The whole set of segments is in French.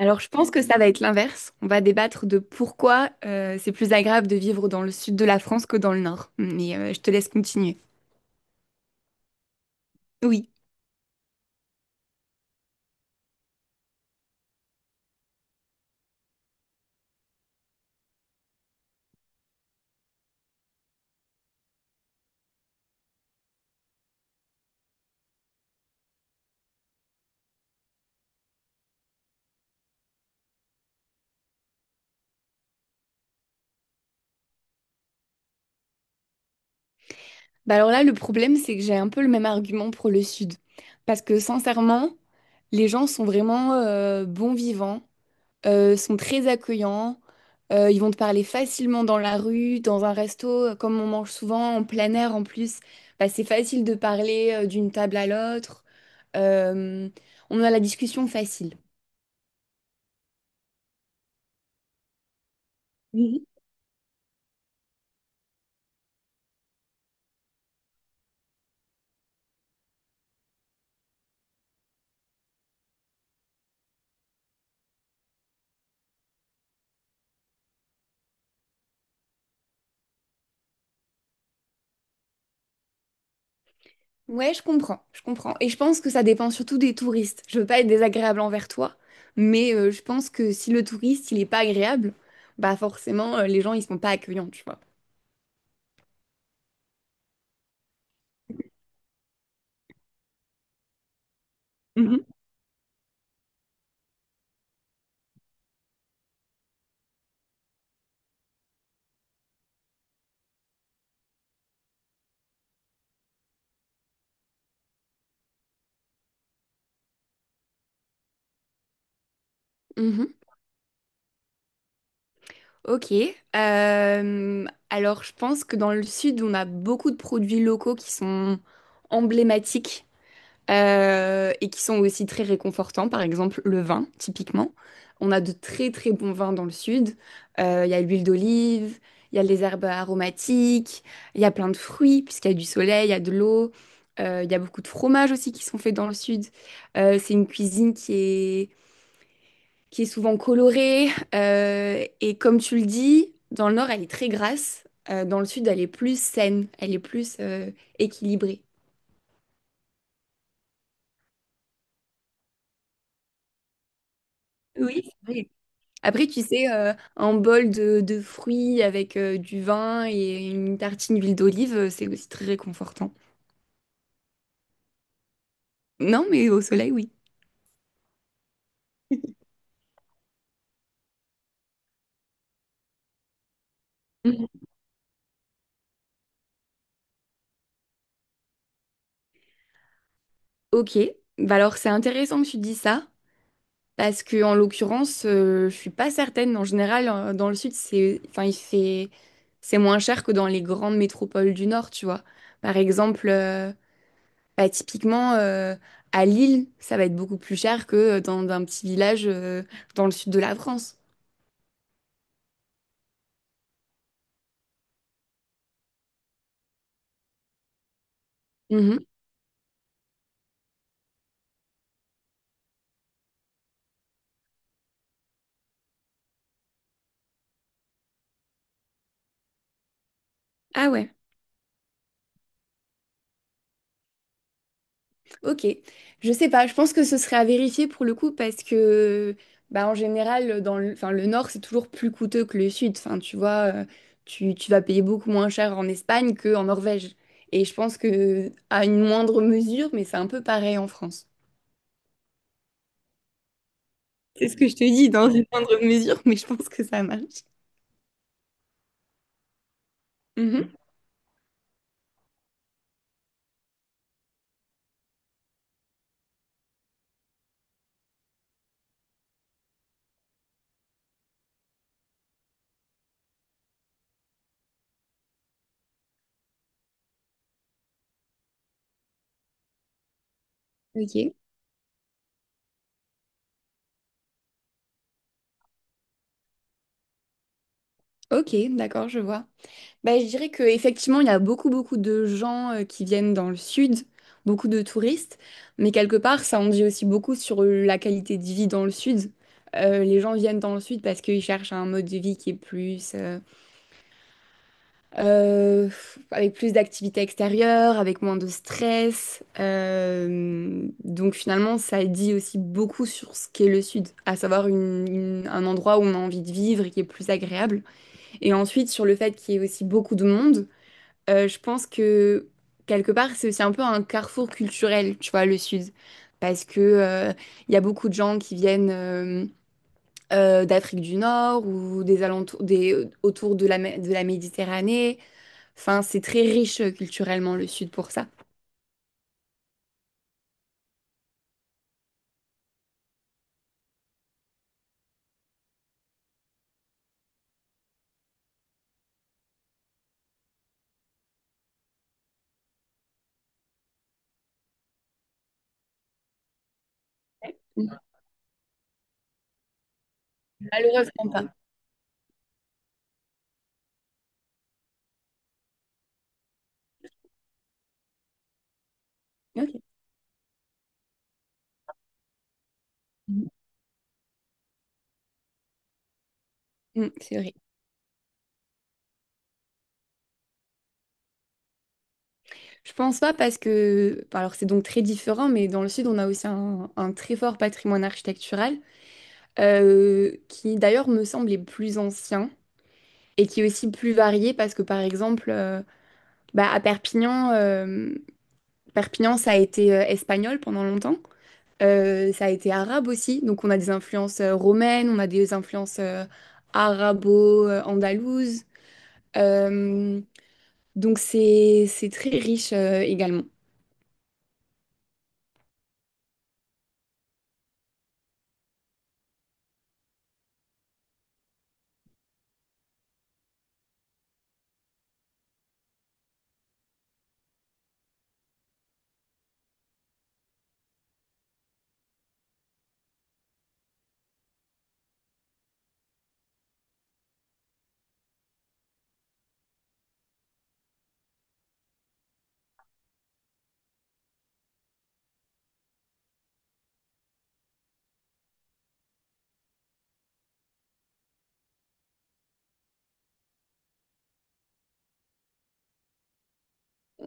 Alors, je pense que ça va être l'inverse. On va débattre de pourquoi c'est plus agréable de vivre dans le sud de la France que dans le nord. Mais je te laisse continuer. Oui. Bah alors là, le problème, c'est que j'ai un peu le même argument pour le sud. Parce que sincèrement, les gens sont vraiment bons vivants, sont très accueillants, ils vont te parler facilement dans la rue, dans un resto, comme on mange souvent en plein air en plus. Bah, c'est facile de parler d'une table à l'autre. Euh, on a la discussion facile. Ouais, je comprends, je comprends. Et je pense que ça dépend surtout des touristes. Je veux pas être désagréable envers toi, mais je pense que si le touriste, il est pas agréable, bah forcément, les gens, ils sont pas accueillants, tu vois. Mhm. Ok. Euh, alors, je pense que dans le sud, on a beaucoup de produits locaux qui sont emblématiques. Et qui sont aussi très réconfortants. Par exemple, le vin, typiquement. On a de très très bons vins dans le sud. Il y a l'huile d'olive, il y a les herbes aromatiques, il y a plein de fruits, puisqu'il y a du soleil, il y a de l'eau. Il y a beaucoup de fromages aussi qui sont faits dans le sud. C'est une cuisine qui est souvent colorée. Et comme tu le dis, dans le nord, elle est très grasse. Dans le sud, elle est plus saine, elle est plus équilibrée. Oui. Après, tu sais, un bol de fruits avec du vin et une tartine d'huile d'olive, c'est aussi très réconfortant. Non, mais au soleil, oui. Mhm. Ok, bah alors c'est intéressant que tu dis ça, parce que en l'occurrence, je suis pas certaine. En général, dans le sud, c'est, enfin, il fait, c'est moins cher que dans les grandes métropoles du nord, tu vois. Par exemple, bah, typiquement à Lille, ça va être beaucoup plus cher que dans un petit village dans le sud de la France. Mhm. Ah ouais. Ok, je sais pas, je pense que ce serait à vérifier pour le coup parce que bah, en général dans le, enfin, le nord c'est toujours plus coûteux que le sud, enfin tu vois, tu vas payer beaucoup moins cher en Espagne qu'en Norvège. Et je pense que à une moindre mesure, mais c'est un peu pareil en France. C'est ce que je te dis, dans une moindre mesure, mais je pense que ça marche. Mhm. Ok, ok, d'accord, je vois. Bah, je dirais qu'effectivement, il y a beaucoup, beaucoup de gens qui viennent dans le sud, beaucoup de touristes, mais quelque part, ça en dit aussi beaucoup sur la qualité de vie dans le sud. Les gens viennent dans le sud parce qu'ils cherchent un mode de vie qui est plus, euh, avec plus d'activités extérieures, avec moins de stress. Donc finalement, ça dit aussi beaucoup sur ce qu'est le sud, à savoir un endroit où on a envie de vivre et qui est plus agréable. Et ensuite, sur le fait qu'il y ait aussi beaucoup de monde. Je pense que quelque part, c'est aussi un peu un carrefour culturel, tu vois, le Sud. Parce que, il y a beaucoup de gens qui viennent d'Afrique du Nord ou des alentours, autour de la, de la Méditerranée. Enfin, c'est très riche culturellement, le Sud, pour ça. Malheureusement pas. Ok. Mm, c'est vrai. Je pense pas parce que, bon, alors c'est donc très différent, mais dans le sud, on a aussi un très fort patrimoine architectural. Qui d'ailleurs me semble est plus ancien et qui est aussi plus varié parce que par exemple bah, à Perpignan, Perpignan ça a été espagnol pendant longtemps. Ça a été arabe aussi, donc on a des influences romaines, on a des influences arabo-andalouses. Euh, donc c'est très riche également.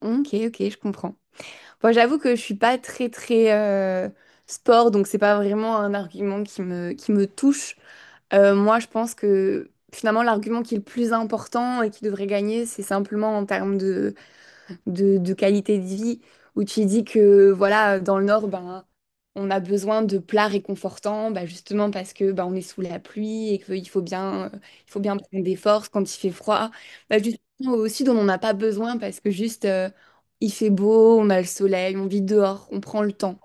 Ok, ok, je comprends. Bon, j'avoue que je suis pas très très sport, donc c'est pas vraiment un argument qui me touche. Moi, je pense que finalement, l'argument qui est le plus important et qui devrait gagner, c'est simplement en termes de qualité de vie, où tu dis que voilà, dans le Nord, ben, on a besoin de plats réconfortants, ben justement parce que ben, on est sous la pluie et qu'il faut bien, il faut bien prendre des forces quand il fait froid. Ben justement, au Sud, on n'en a pas besoin parce que juste, il fait beau, on a le soleil, on vit dehors, on prend le temps.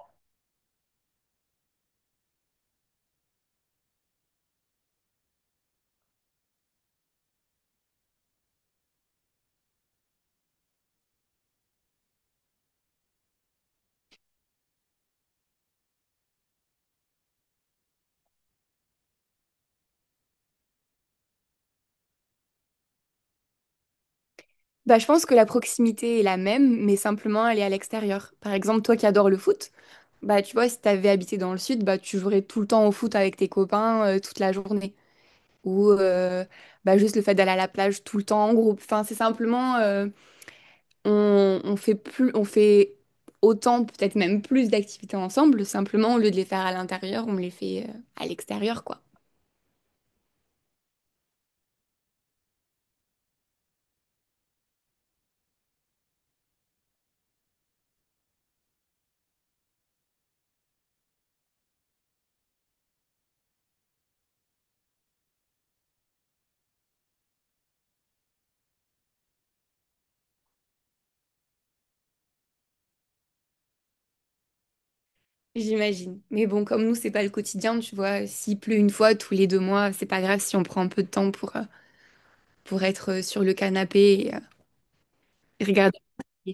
Bah, je pense que la proximité est la même, mais simplement elle est à l'extérieur. Par exemple, toi qui adores le foot, bah, tu vois, si t'avais habité dans le sud, bah, tu jouerais tout le temps au foot avec tes copains toute la journée. Ou bah, juste le fait d'aller à la plage tout le temps en groupe. Enfin, c'est simplement, on fait plus, on fait autant, peut-être même plus d'activités ensemble. Simplement, au lieu de les faire à l'intérieur, on les fait à l'extérieur, quoi. J'imagine. Mais bon, comme nous, c'est pas le quotidien, tu vois. S'il pleut une fois tous les deux mois, c'est pas grave si on prend un peu de temps pour être sur le canapé et, euh, et regarder. Je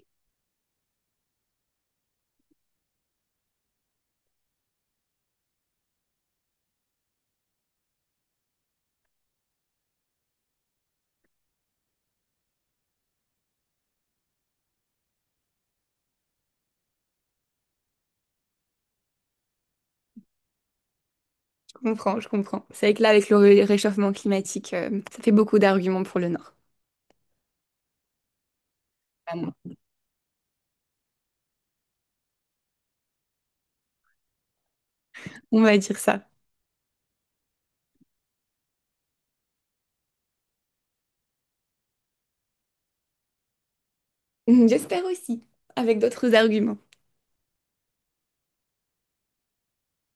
comprends, je comprends. C'est vrai que là, avec le réchauffement climatique, ça fait beaucoup d'arguments pour le Nord. Vraiment. On va dire ça. J'espère aussi, avec d'autres arguments.